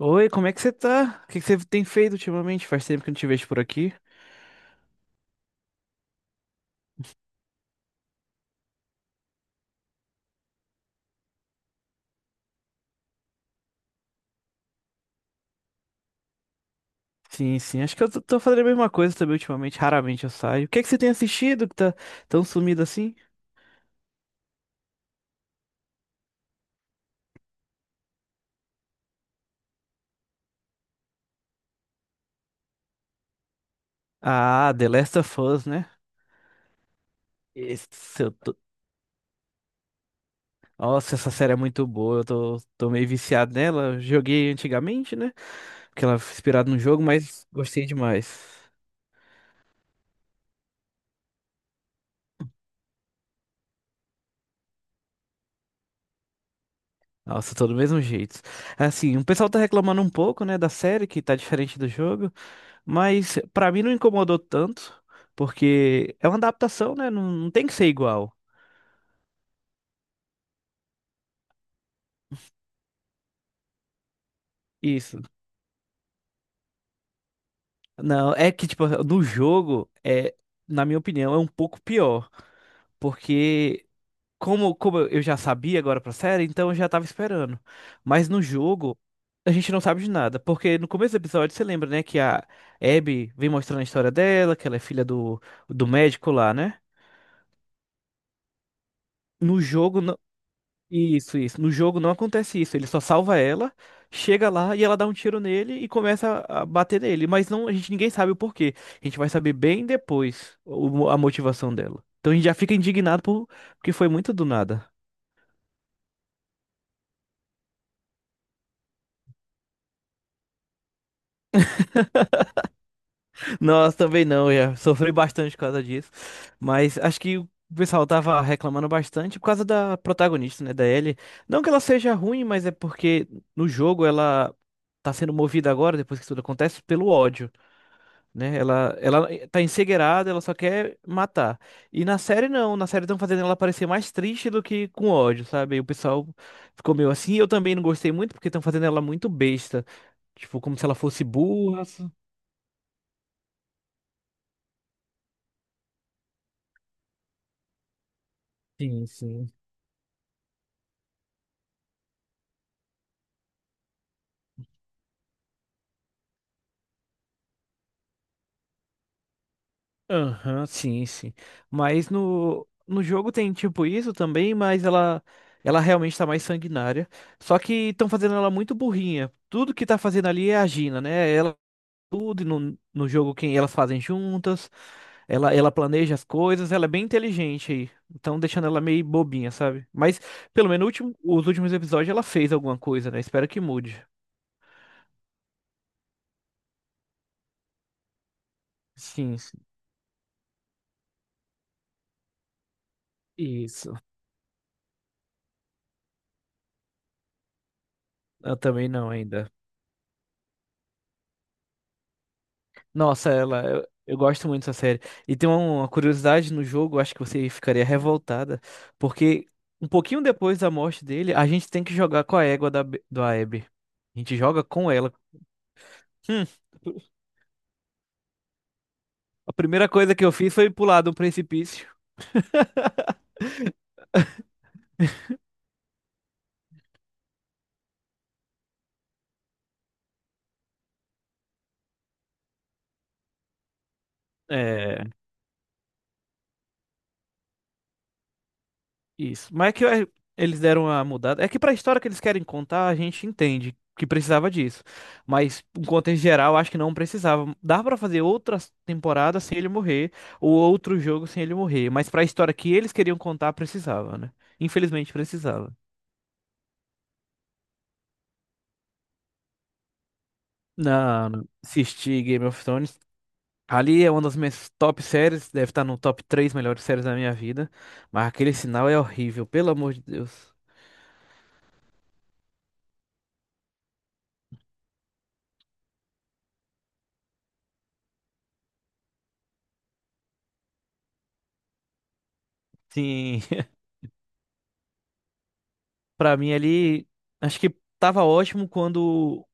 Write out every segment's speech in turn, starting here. Oi, como é que você tá? O que que você tem feito ultimamente? Faz tempo que eu não te vejo por aqui. Sim, sim, acho que eu tô fazendo a mesma coisa também ultimamente, raramente eu saio. O que é que você tem assistido que tá tão sumido assim? Ah, The Last of Us, né? Esse eu tô- Nossa, essa série é muito boa, eu tô meio viciado nela. Eu joguei antigamente, né? Porque ela foi inspirada no jogo, mas gostei demais. Nossa, tô do mesmo jeito. Assim, o pessoal tá reclamando um pouco, né, da série, que tá diferente do jogo. Mas pra mim não incomodou tanto, porque é uma adaptação, né? Não, não tem que ser igual. Isso. Não, é que, tipo, no jogo, é, na minha opinião, é um pouco pior. Porque, como eu já sabia agora pra série, então eu já tava esperando. Mas no jogo, a gente não sabe de nada. Porque no começo do episódio, você lembra, né? Que a Abby vem mostrando a história dela, que ela é filha do médico lá, né? No jogo, Isso, isso. No jogo não acontece isso. Ele só salva ela, chega lá e ela dá um tiro nele e começa a bater nele. Mas não, a gente ninguém sabe o porquê. A gente vai saber bem depois a motivação dela. Então a gente já fica indignado porque foi muito do nada. Nós também não, já sofri bastante por causa disso. Mas acho que o pessoal tava reclamando bastante por causa da protagonista, né, da Ellie. Não que ela seja ruim, mas é porque no jogo ela tá sendo movida agora, depois que tudo acontece, pelo ódio. Né? Ela tá encegueirada, ela só quer matar. E na série não, na série estão fazendo ela parecer mais triste do que com ódio, sabe? E o pessoal ficou meio assim, eu também não gostei muito porque estão fazendo ela muito besta, tipo como se ela fosse burra. Sim, sim. Aham, sim, sim. Mas no jogo tem tipo isso também, mas ela realmente tá mais sanguinária. Só que estão fazendo ela muito burrinha. Tudo que tá fazendo ali é a Gina, né? Ela tudo e no jogo quem elas fazem juntas. Ela planeja as coisas, ela é bem inteligente aí. Então, deixando ela meio bobinha, sabe? Mas, pelo menos, no último- os últimos episódios ela fez alguma coisa, né? Espero que mude. Sim, sim. Isso. Eu também não ainda. Nossa, ela. Eu gosto muito dessa série. E tem uma curiosidade no jogo, acho que você ficaria revoltada, porque um pouquinho depois da morte dele, a gente tem que jogar com a égua da, da Abby. A gente joga com ela. Hum, a primeira coisa que eu fiz foi pular do precipício. É. Isso. Mas é que é, eles deram a mudada. É que pra história que eles querem contar, a gente entende que precisava disso. Mas, em contexto geral, acho que não precisava. Dá pra fazer outra temporada sem ele morrer, ou outro jogo sem ele morrer. Mas pra história que eles queriam contar, precisava, né? Infelizmente, precisava. Não, não assisti Game of Thrones. Ali é uma das minhas top séries, deve estar no top 3 melhores séries da minha vida. Mas aquele sinal é horrível, pelo amor de Deus. Sim. Pra mim ali, acho que tava ótimo quando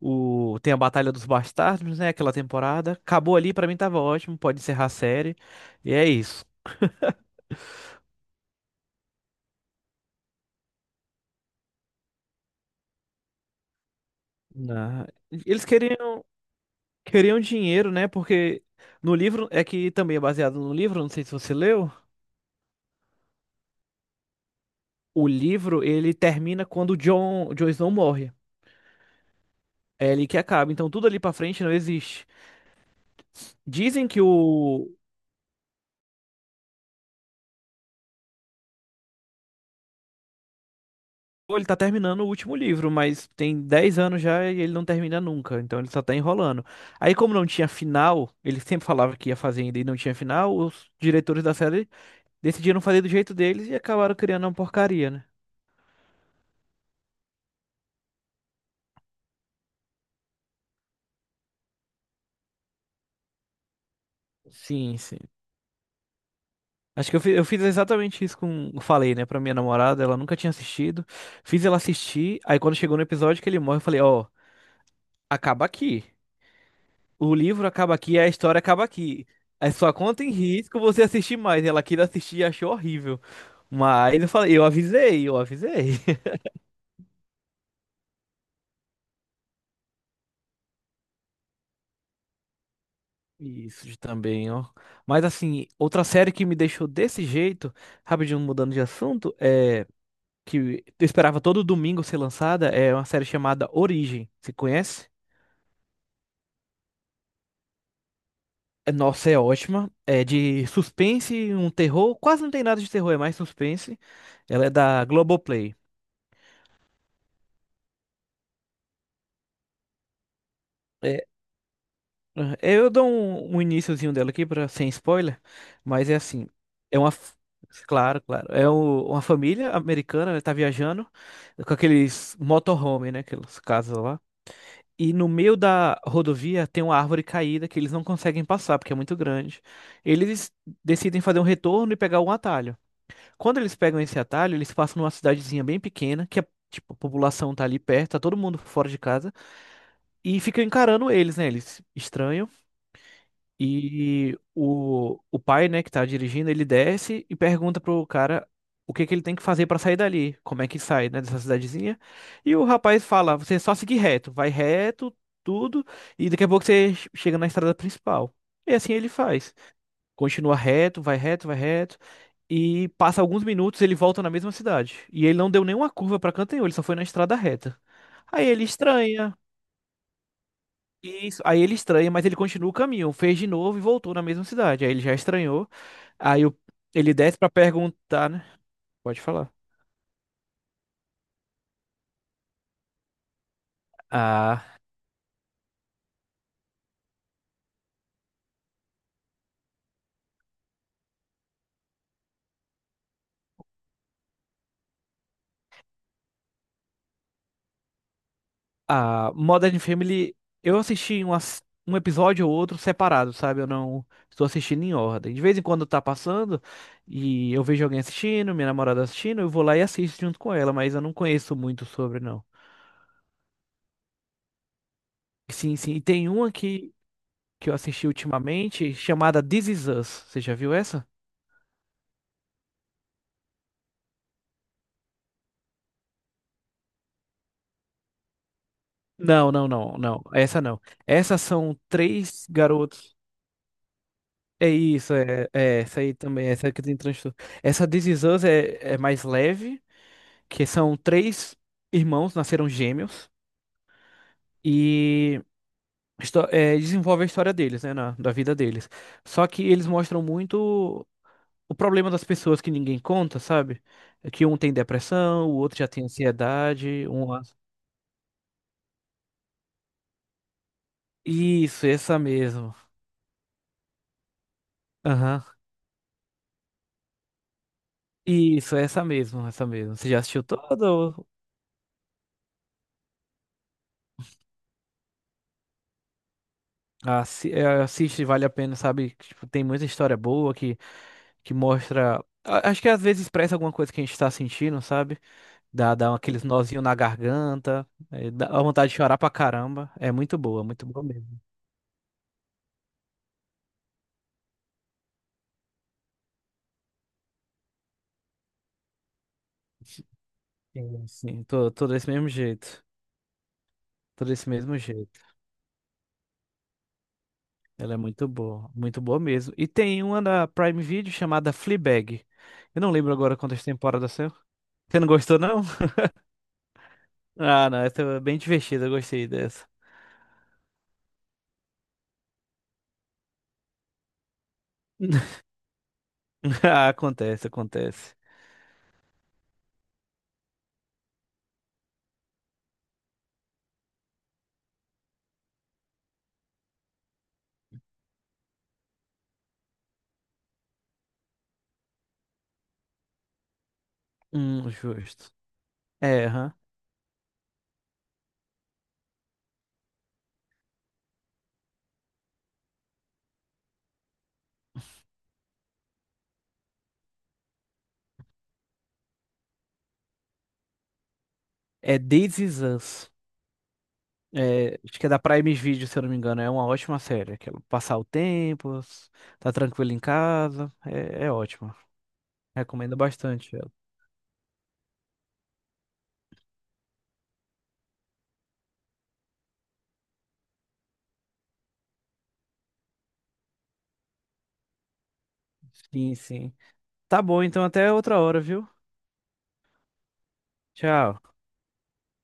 o tem a Batalha dos Bastardos, né? Aquela temporada. Acabou ali, pra mim tava ótimo, pode encerrar a série. E é isso. Na- Eles queriam dinheiro, né? Porque no livro, é que também é baseado no livro, não sei se você leu. O livro, ele termina quando o Jon Snow morre. É ali que acaba. Então tudo ali pra frente não existe. Dizem que o, Pô, ele tá terminando o último livro, mas tem 10 anos já e ele não termina nunca, então ele só tá enrolando. Aí, como não tinha final, ele sempre falava que ia fazer ainda e não tinha final, os diretores da série decidiram fazer do jeito deles e acabaram criando uma porcaria, né? Sim, sim. Acho que eu fiz exatamente isso com. Eu falei, né, pra minha namorada, ela nunca tinha assistido. Fiz ela assistir, aí quando chegou no episódio que ele morre, eu falei: Ó, acaba aqui. O livro acaba aqui, a história acaba aqui. É sua conta em risco você assistir mais. Ela queria assistir e achou horrível. Mas eu falei, eu avisei. Isso de também, ó. Mas assim, outra série que me deixou desse jeito, rapidinho mudando de assunto, é que eu esperava todo domingo ser lançada, é uma série chamada Origem. Você conhece? É, nossa, é ótima. É de suspense, um terror. Quase não tem nada de terror, é mais suspense. Ela é da Globoplay. Aham. É, eu dou um iniciozinho dela aqui para sem spoiler, mas é assim, é uma f- claro, claro, uma família americana, ela tá viajando com aqueles motorhome, né, aquelas casas lá. E no meio da rodovia tem uma árvore caída que eles não conseguem passar porque é muito grande. Eles decidem fazer um retorno e pegar um atalho. Quando eles pegam esse atalho, eles passam numa cidadezinha bem pequena, que a, tipo, a população tá ali perto, tá todo mundo fora de casa e fica encarando eles, né? Eles estranham e o pai, né, que tá dirigindo, ele desce e pergunta pro cara o que que ele tem que fazer pra sair dali, como é que sai, né, dessa cidadezinha. E o rapaz fala, você é só seguir reto, vai reto, tudo, e daqui a pouco você chega na estrada principal. E assim ele faz. Continua reto, vai reto, vai reto, e passa alguns minutos, ele volta na mesma cidade. E ele não deu nenhuma curva pra canto nenhum, ele só foi na estrada reta. Aí ele estranha, isso. Aí ele estranha, mas ele continua o caminho. Fez de novo e voltou na mesma cidade. Aí ele já estranhou. Aí o- ele desce pra perguntar, né? Pode falar. A, a Modern Family, eu assisti um episódio ou outro separado, sabe? Eu não estou assistindo em ordem. De vez em quando tá passando e eu vejo alguém assistindo, minha namorada assistindo, eu vou lá e assisto junto com ela, mas eu não conheço muito sobre, não. Sim, sim. E tem que eu assisti ultimamente chamada This Is Us. Você já viu essa? Não, não, não, não. Essa não. Essas são três garotos. É isso, é, é essa aí também, essa que tem transtorno. Essa This Is Us é, é mais leve, que são três irmãos, nasceram gêmeos, e é, desenvolve a história deles, né, da vida deles. Só que eles mostram muito o problema das pessoas que ninguém conta, sabe? É que um tem depressão, o outro já tem ansiedade, um... Isso, essa mesmo. Aham. Isso, é essa mesmo, essa mesmo. Você já assistiu toda? Ou é, assiste, vale a pena, sabe? Tipo, tem muita história boa que mostra. Acho que às vezes expressa alguma coisa que a gente tá sentindo, sabe? Dá aqueles nozinho na garganta, é, dá vontade de chorar pra caramba. É muito boa mesmo. Sim, sim, tô desse mesmo jeito. Tô desse mesmo jeito. Ela é muito boa mesmo. E tem uma da Prime Video chamada Fleabag. Eu não lembro agora quantas temporadas são. Você não gostou, não? Ah, não, essa é bem divertida, eu gostei dessa. Ah, acontece, acontece. Justo. É, aham. É This Is Us. É, acho que é da Prime Video, se eu não me engano. É uma ótima série. Aquela passar o tempo, tá tranquilo em casa. É, é ótima. Recomendo bastante ela. Sim, sim. Tá bom, então até outra hora, viu? Tchau.